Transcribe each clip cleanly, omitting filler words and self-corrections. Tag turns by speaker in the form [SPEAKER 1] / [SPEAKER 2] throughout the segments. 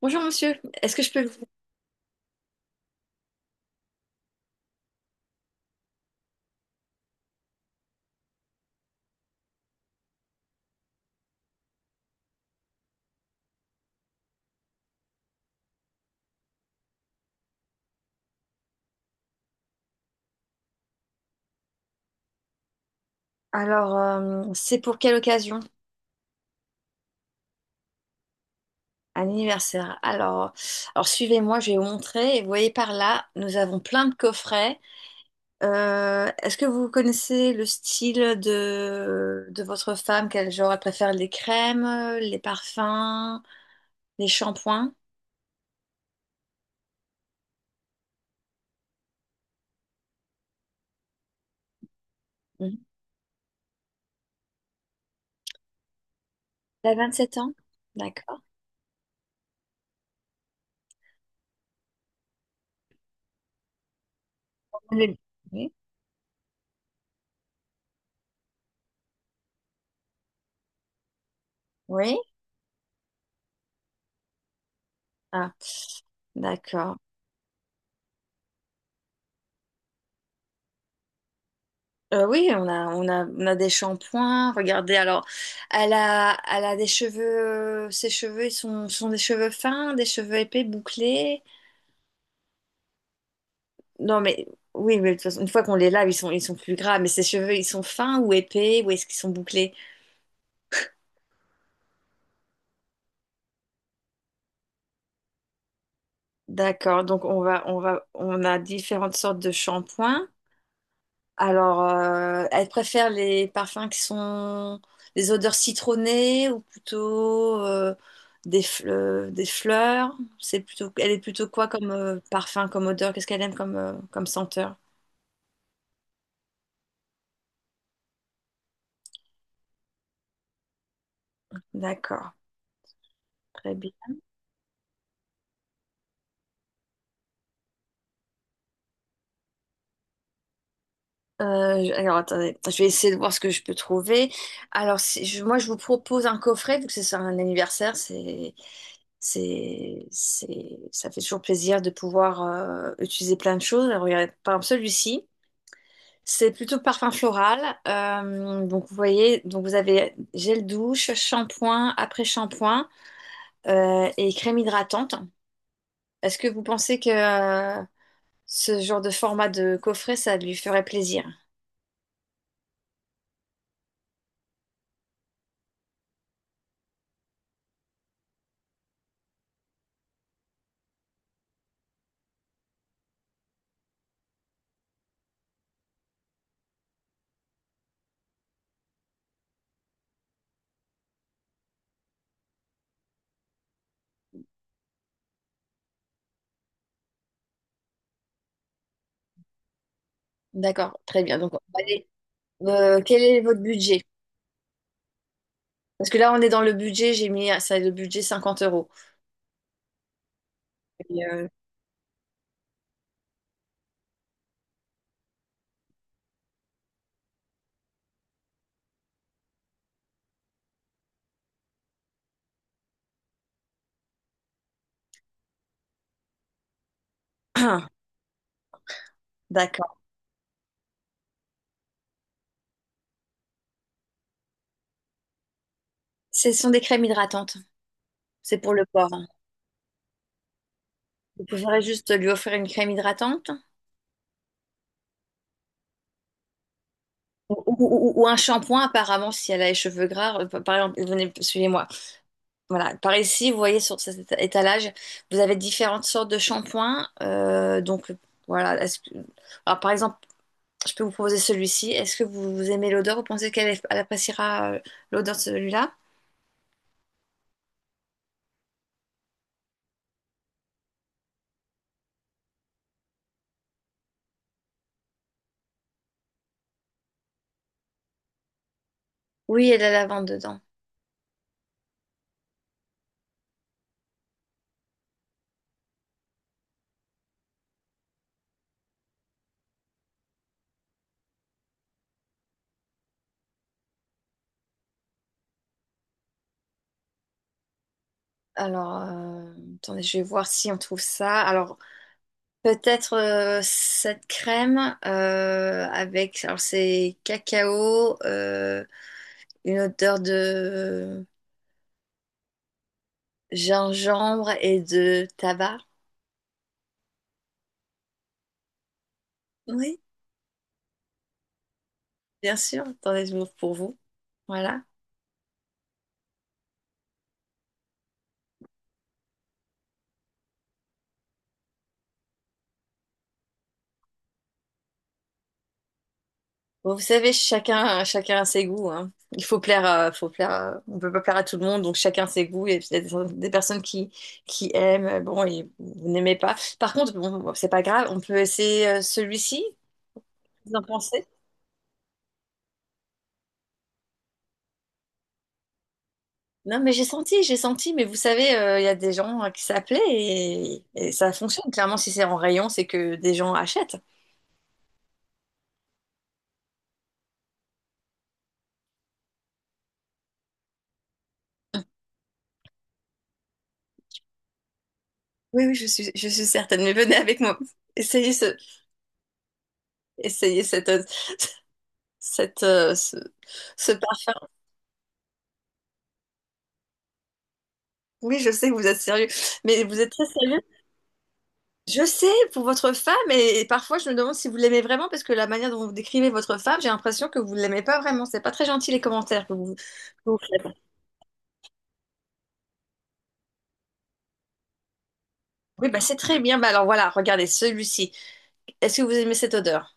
[SPEAKER 1] Bonjour monsieur, est-ce que je peux vous... Alors, c'est pour quelle occasion? Un anniversaire. Alors, suivez-moi, je vais vous montrer. Et vous voyez par là, nous avons plein de coffrets. Est-ce que vous connaissez le style de votre femme? Quel genre elle préfère? Les crèmes, les parfums, les shampoings? Mhm. Elle a 27 ans? D'accord. Le- Oui. Oui? Ah, d'accord. Oui, on a des shampoings. Regardez, alors, elle a des cheveux. Ses cheveux, ils sont des cheveux fins, des cheveux épais, bouclés. Non, mais oui, mais de toute façon, une fois qu'on les lave, ils sont plus gras. Mais ses cheveux, ils sont fins ou épais, ou est-ce qu'ils sont bouclés? D'accord. Donc on a différentes sortes de shampoings. Alors, elle préfère les parfums qui sont des odeurs citronnées ou plutôt des fleurs. C'est plutôt, elle est plutôt quoi comme parfum, comme odeur? Qu'est-ce qu'elle aime comme, comme senteur? D'accord, très bien. Alors, attendez, je vais essayer de voir ce que je peux trouver. Alors, si je- moi, je vous propose un coffret, vu que c'est un anniversaire, ça fait toujours plaisir de pouvoir utiliser plein de choses. Alors, regardez, par exemple, celui-ci. C'est plutôt parfum floral. Donc vous voyez, donc vous avez gel douche, shampoing, après-shampoing et crème hydratante. Est-ce que vous pensez que ce genre de format de coffret, ça lui ferait plaisir? D'accord, très bien. Donc on va Quel est votre budget? Parce que là, on est dans le budget, j'ai mis, ça, le budget 50 euros. Et, euh, D'accord. Ce sont des crèmes hydratantes. C'est pour le corps, hein. Vous préférez juste lui offrir une crème hydratante ou, ou- ou un shampoing, apparemment, si elle a les cheveux gras. Par exemple, venez, suivez-moi. Voilà. Par ici, vous voyez sur cet étalage, vous avez différentes sortes de shampoings. Voilà. Alors, par exemple, je peux vous proposer celui-ci. Est-ce que vous aimez l'odeur? Vous pensez qu'elle appréciera l'odeur de celui-là? Oui, et la lavande dedans. Alors, attendez, je vais voir si on trouve ça. Alors, peut-être cette crème avec, alors c'est cacao, une odeur de gingembre et de tabac. Oui, bien sûr. Attendez, je m'ouvre pour vous. Voilà. Bon, vous savez, chacun a ses goûts, hein. Il faut faut on peut pas plaire à tout le monde, donc chacun ses goûts. Et puis, il y a des personnes qui aiment, bon, et vous n'aimez pas. Par contre, bon, c'est pas grave, on peut essayer celui-ci. Vous en pensez? Non, mais j'ai senti, mais vous savez, il y a des gens qui s'appelaient et ça fonctionne. Clairement, si c'est en rayon, c'est que des gens achètent. Oui, oui, je suis certaine, mais venez avec moi. Essayez ce, essayez cette, euh, ce, ce parfum. Oui, je sais que vous êtes sérieux, mais vous êtes très sérieux. Je sais, pour votre femme, et parfois je me demande si vous l'aimez vraiment, parce que la manière dont vous décrivez votre femme, j'ai l'impression que vous ne l'aimez pas vraiment. C'est pas très gentil les commentaires que vous faites. Oui, bah c'est très bien. Bah alors voilà, regardez celui-ci. Est-ce que vous aimez cette odeur?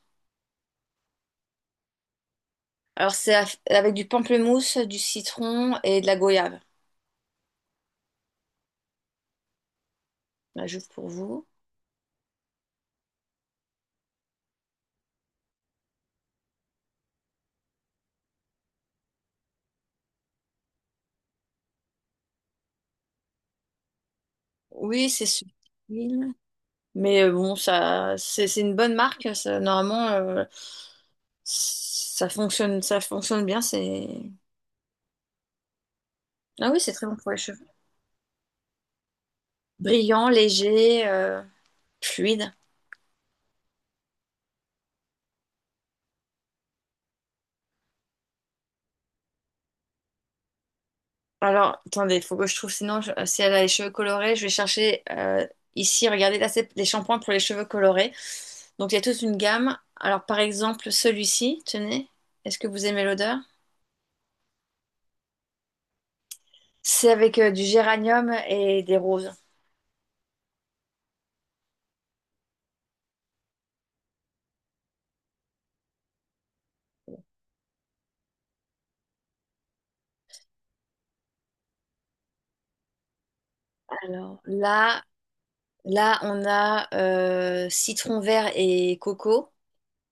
[SPEAKER 1] Avec du pamplemousse, du citron et de la goyave. Bah, j'ouvre pour vous. Oui, c'est subtil, mais bon, ça, c'est une bonne marque. Ça, normalement, ça fonctionne bien. C'est Ah oui, c'est très bon pour les cheveux. Brillant, léger, fluide. Alors, attendez, il faut que je trouve, si elle a les cheveux colorés, je vais chercher ici, regardez, là, c'est les shampoings pour les cheveux colorés. Donc, il y a toute une gamme. Alors, par exemple, celui-ci, tenez, est-ce que vous aimez l'odeur? C'est avec du géranium et des roses. Alors, là, on a citron vert et coco.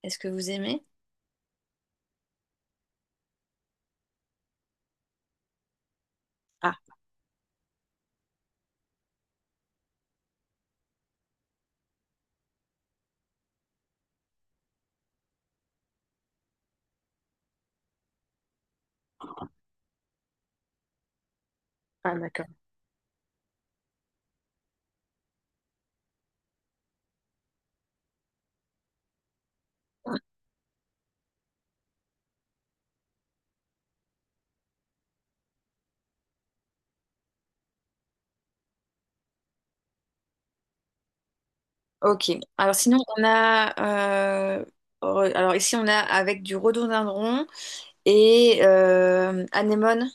[SPEAKER 1] Est-ce que vous aimez? Ah, ah, d'accord. Ok. Alors sinon, on a... euh, alors ici, on a avec du rhododendron et anémone.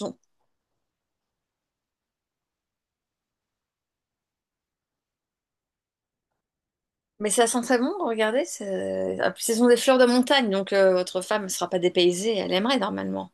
[SPEAKER 1] Bon. Mais ça sent très bon, regardez. C'est- ah, puis Ce sont des fleurs de montagne, donc votre femme ne sera pas dépaysée. Elle aimerait normalement.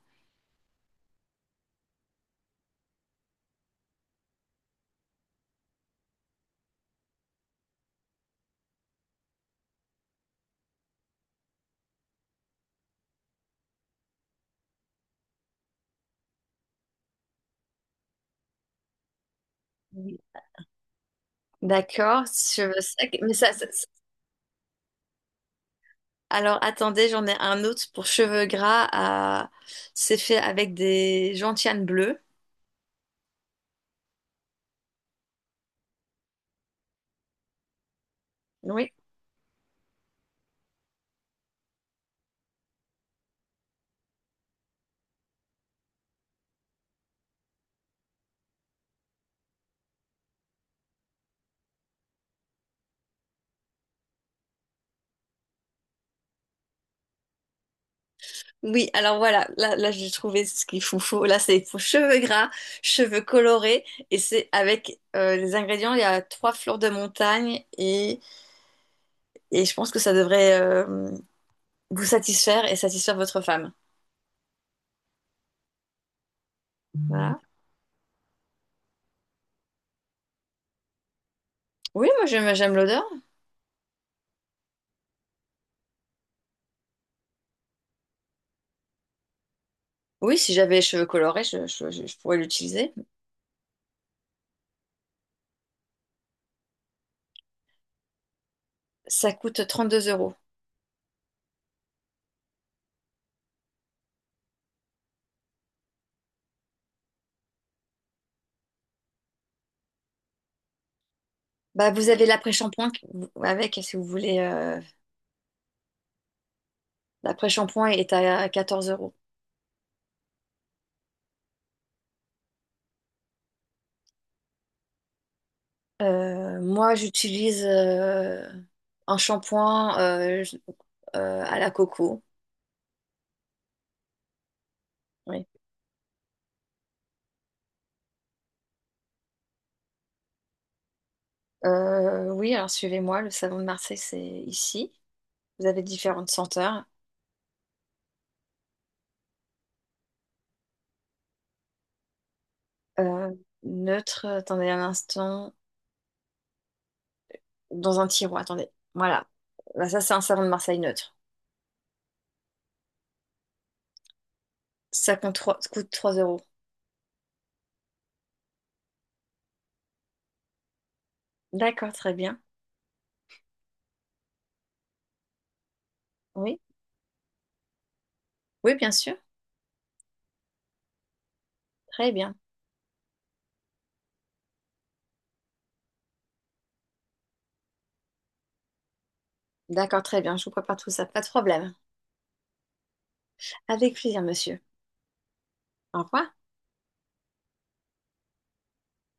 [SPEAKER 1] D'accord, cheveux secs. Mais ça, Alors attendez, j'en ai un autre pour cheveux gras. C'est fait avec des gentianes bleues. Oui. Oui, alors voilà, là j'ai trouvé ce qu'il faut. Là, c'est pour cheveux gras, cheveux colorés. Et c'est avec les ingrédients, il y a 3 fleurs de montagne. Et je pense que ça devrait vous satisfaire et satisfaire votre femme. Voilà. Oui, moi j'aime l'odeur. Oui, si j'avais les cheveux colorés, je je pourrais l'utiliser. Ça coûte 32 euros. Bah, vous avez l'après-shampoing qui- Avec, si vous voulez. L'après-shampoing est à 14 euros. Moi, j'utilise un shampoing à la coco. Oui. Oui, alors suivez-moi, le savon de Marseille, c'est ici. Vous avez différentes senteurs. Euh, Neutre, attendez un instant, dans un tiroir, attendez. Voilà. Bah, ça, c'est un savon de Marseille neutre. Coûte 3 euros. D'accord, très bien. Oui, oui, bien sûr. Très bien. D'accord, très bien. Je vous prépare tout ça. Pas de problème. Avec plaisir, monsieur. Au revoir.